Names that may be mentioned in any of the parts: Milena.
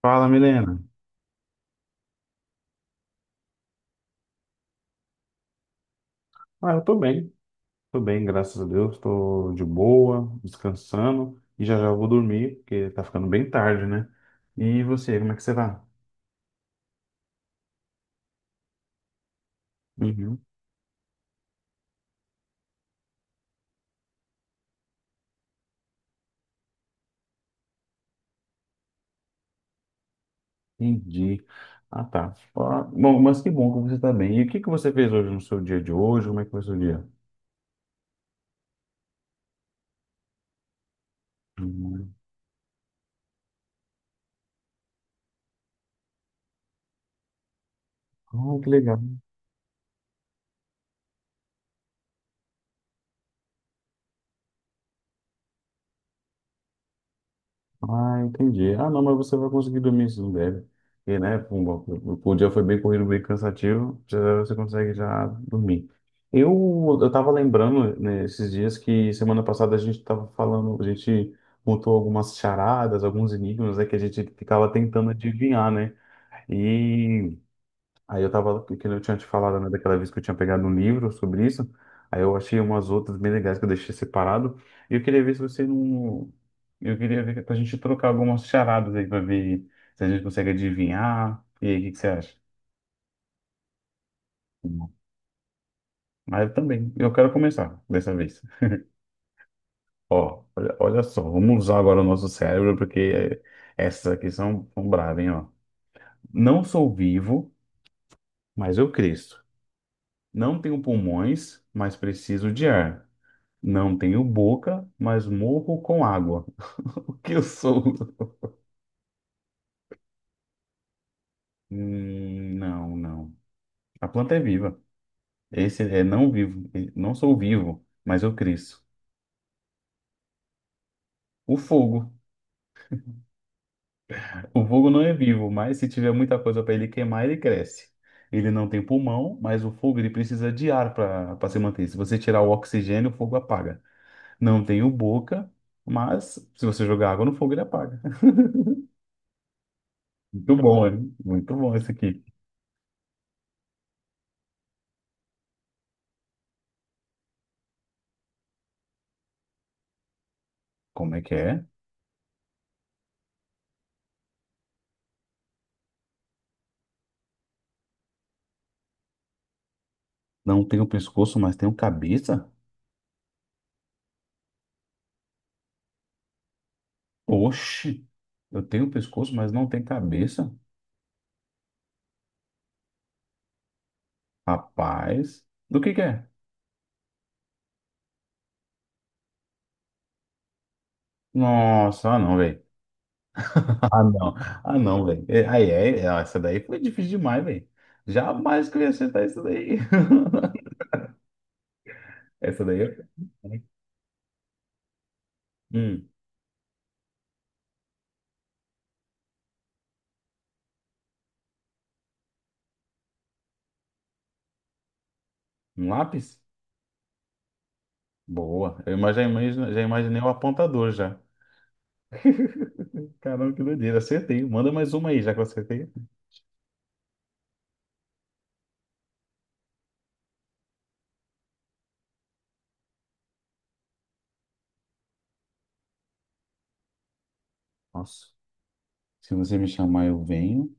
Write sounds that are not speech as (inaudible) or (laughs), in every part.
Fala, Milena. Ah, eu tô bem, graças a Deus, tô de boa, descansando e já já eu vou dormir, porque tá ficando bem tarde, né? E você, como é que você tá? Uhum, entendi. Ah, tá. Ah, bom, mas que bom que você tá bem. E o que que você fez hoje no seu dia de hoje? Como é que foi o seu dia? Hum. Ah, que legal. Ah, entendi. Ah, não, mas você vai conseguir dormir se não deve. Porque, né, pum, o dia foi bem corrido, bem cansativo, já você consegue já dormir. Eu tava lembrando, né, esses dias que semana passada a gente tava falando, a gente montou algumas charadas, alguns enigmas, né, que a gente ficava tentando adivinhar, né? Aí eu tava, que eu tinha te falado, né, daquela vez que eu tinha pegado um livro sobre isso. Aí eu achei umas outras bem legais que eu deixei separado. E eu queria ver se você não. Eu queria ver pra gente trocar algumas charadas aí pra ver se a gente consegue adivinhar. E aí, o que que você acha? Mas eu também, eu quero começar dessa vez. Ó, olha, olha só, vamos usar agora o nosso cérebro, porque essas aqui são, são bravas, hein, ó. Não sou vivo, mas eu cresço. Não tenho pulmões, mas preciso de ar. Não tenho boca, mas morro com água. (laughs) O que eu sou? Não, não. A planta é viva. Esse é não vivo. Não sou vivo, mas eu cresço. O fogo. O fogo não é vivo, mas se tiver muita coisa para ele queimar, ele cresce. Ele não tem pulmão, mas o fogo ele precisa de ar para se manter. Se você tirar o oxigênio, o fogo apaga. Não tenho boca, mas se você jogar água no fogo, ele apaga. (laughs) Muito bom, hein? Muito bom esse aqui. Como é que é? Não tenho pescoço, mas tenho cabeça? Oxe, eu tenho pescoço, mas não tenho cabeça? Rapaz, do que é? Nossa, ah não, velho. (laughs) Ah não, ah não, velho. É, aí, é, é, ó, essa daí foi difícil demais, velho. Jamais que eu ia acertar isso daí. (laughs) Essa daí eu... Hum, um lápis? Boa. Já imagino, já imaginei o apontador já. Caramba, que doideira. Acertei. Manda mais uma aí, já que eu acertei. Nossa, se você me chamar, eu venho,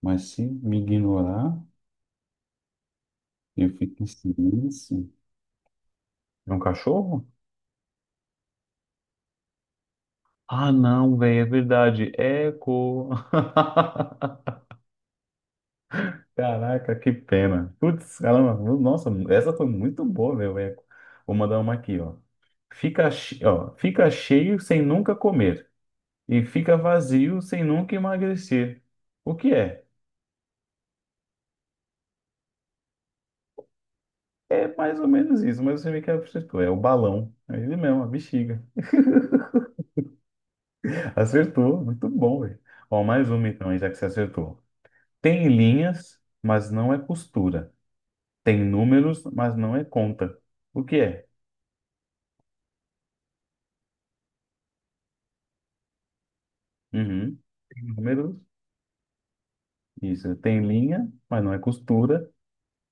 mas se me ignorar. Eu fico em silêncio. É um cachorro? Ah, não, velho, é verdade. Eco. (laughs) Caraca, que pena. Putz, caramba. Nossa, essa foi muito boa, meu eco. Vou mandar uma aqui, ó. Fica, che- ó. Fica cheio sem nunca comer e fica vazio sem nunca emagrecer. O que é? É mais ou menos isso, mas você vê que acertou. É o balão. É ele mesmo, a bexiga. (laughs) Acertou. Muito bom, velho. Ó, mais uma então, aí, já que você acertou. Tem linhas, mas não é costura. Tem números, mas não é conta. O que é? Uhum. Tem números, isso. Tem linha, mas não é costura.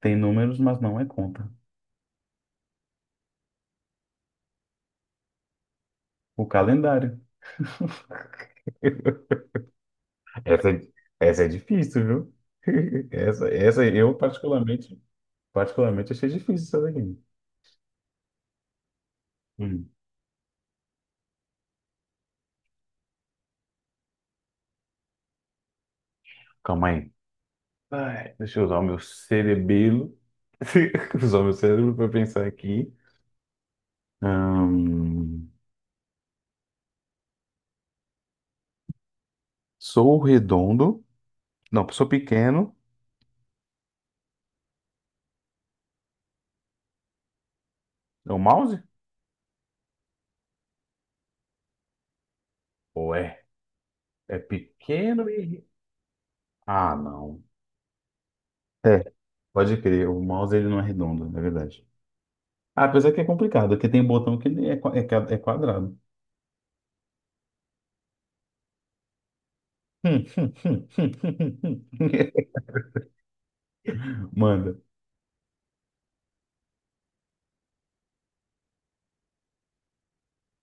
Tem números, mas não é conta. O calendário. (laughs) Essa, é- essa é difícil, viu? (laughs) Essa eu particularmente, particularmente achei difícil essa daqui. Hum, calma aí. Ai, deixa eu usar o meu cerebelo. (laughs) Usar o meu cérebro para pensar aqui. Ahn, sou redondo. Não, eu sou pequeno. É o mouse? Ou é? É pequeno e. Ah, não. É, pode crer. O mouse ele não é redondo, na verdade. Ah, apesar que é complicado, porque tem botão que ele é, é quadrado. Hum, hum, hum, hum, hum, hum, hum. (laughs) Manda.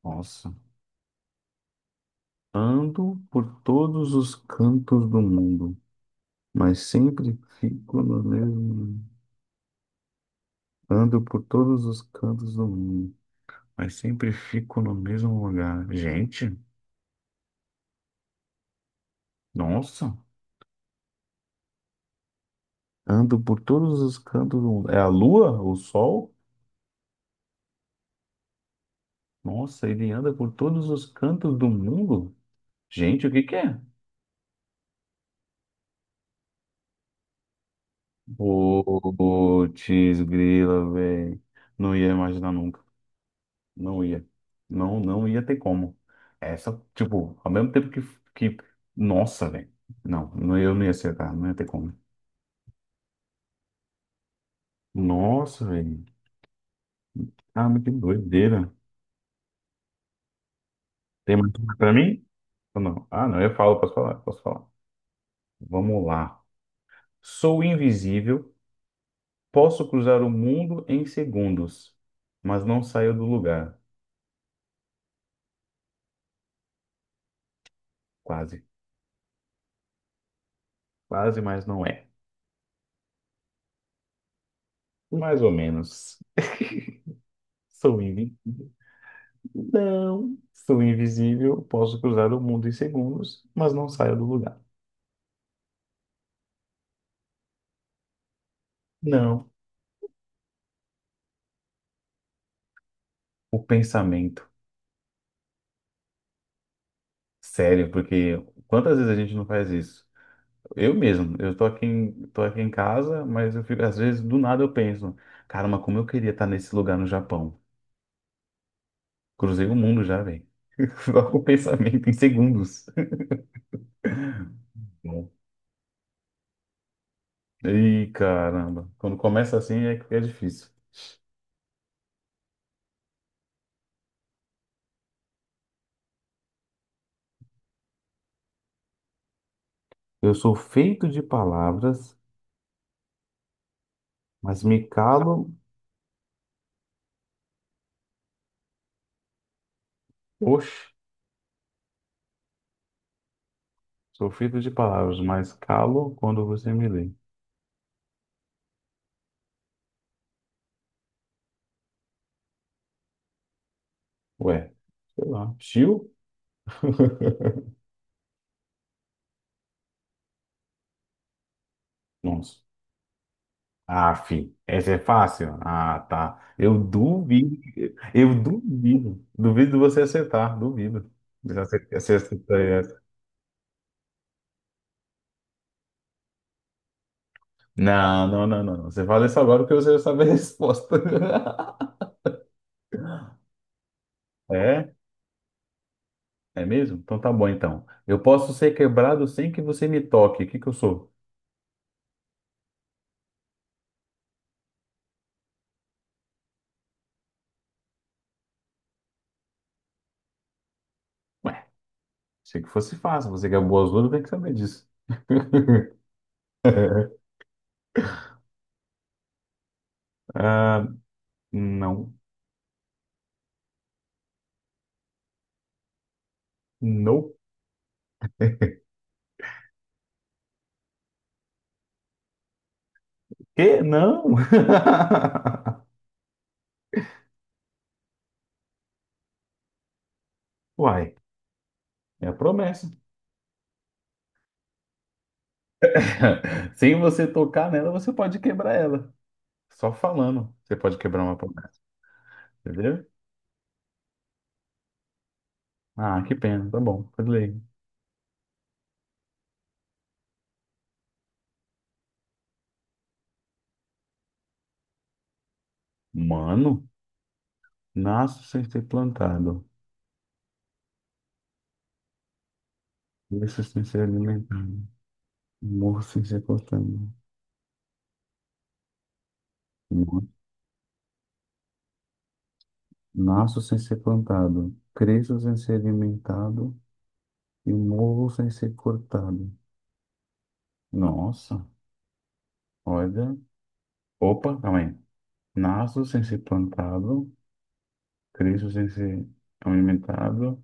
Nossa. Ando por todos os cantos do mundo, mas sempre fico no mesmo. Ando por todos os cantos do mundo, mas sempre fico no mesmo lugar. Gente, nossa. Ando por todos os cantos do mundo. É a lua? O sol? Nossa, ele anda por todos os cantos do mundo? Gente, o que que é? Putz, grila, velho. Não ia imaginar nunca. Não ia. Não, não ia ter como. Essa, tipo, ao mesmo tempo que... Nossa, velho. Não, não, eu não ia acertar. Não ia ter como. Nossa, velho. Ah, mas que doideira. Tem mais uma pra mim? Ou não? Ah, não, eu falo, posso falar, posso falar. Vamos lá. Sou invisível. Posso cruzar o mundo em segundos, mas não saio do lugar. Quase. Quase, mas não é. Mais ou menos. Sou invi... Não. Sou invisível, posso cruzar o mundo em segundos, mas não saio do lugar. Não. O pensamento. Sério, porque quantas vezes a gente não faz isso? Eu mesmo, eu tô aqui em casa, mas eu fico, às vezes do nada eu penso, cara, mas como eu queria estar nesse lugar no Japão. Cruzei o mundo já, velho. (laughs) Só com o pensamento em segundos. Ih, caramba. Quando começa assim é, que é difícil. Eu sou feito de palavras, mas me calo. Oxe, sou feito de palavras, mas calo quando você me lê. Ué, sei lá. Chiu? (laughs) Nossa. Ah, fi, essa é fácil? Ah, tá. Eu duvido. Eu duvido. Duvido de você acertar, duvido. Você acertar essa. Não, não, não, não. Não. Você fala isso agora porque você já sabe a resposta. (laughs) É? É mesmo? Então tá bom, então. Eu posso ser quebrado sem que você me toque. O que que eu sou? Ué, achei que fosse fácil. Você que é boa azul, tem que saber disso. (laughs) Ah, não. Não. Quê? Não! (laughs) Uai, é a promessa. (laughs) Sem você tocar nela, você pode quebrar ela. Só falando, você pode quebrar uma promessa, entendeu? Ah, que pena. Tá bom, tudo bem. Mano, nasço sem ser plantado. Cresço sem ser alimentado. Morro sem ser cortado. Mo- Nasço sem ser plantado, cresço sem ser alimentado e morro sem ser cortado. Nossa, olha. Opa, calma aí. Nasço sem ser plantado, cresço sem ser alimentado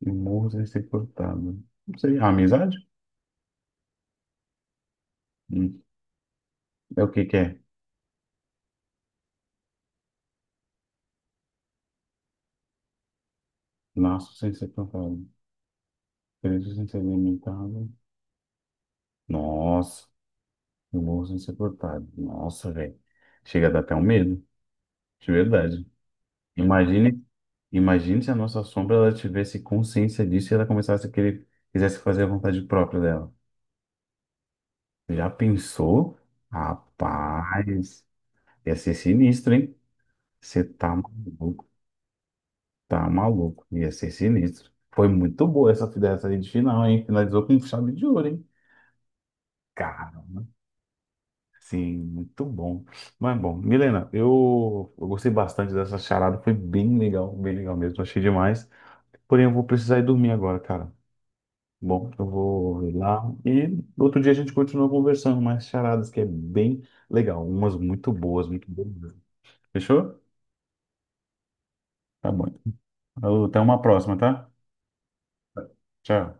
e morro sem ser cortado. Não sei, a amizade? Hum, É o que que é? Nasço sem ser plantado, cresço sem ser alimentado. Nossa, e morro sem ser cortado. Nossa, velho. Chega a dar até um medo, de verdade. Imagine, imagine se a nossa sombra ela tivesse consciência disso e ela começasse a querer, quisesse fazer a vontade própria dela. Já pensou? Rapaz, ia ser sinistro, hein? Você tá maluco, tá maluco. Ia ser sinistro. Foi muito boa essa fidelização aí de final, hein? Finalizou com um chave de ouro, hein? Cara, sim, muito bom. Mas bom, Milena, eu gostei bastante dessa charada. Foi bem legal mesmo. Achei demais. Porém, eu vou precisar ir dormir agora, cara. Bom, eu vou ir lá e outro dia a gente continua conversando mais charadas, que é bem legal. Umas muito boas, muito boas. Mesmo. Fechou? Tá bom. Alô, até uma próxima, tá? Tchau.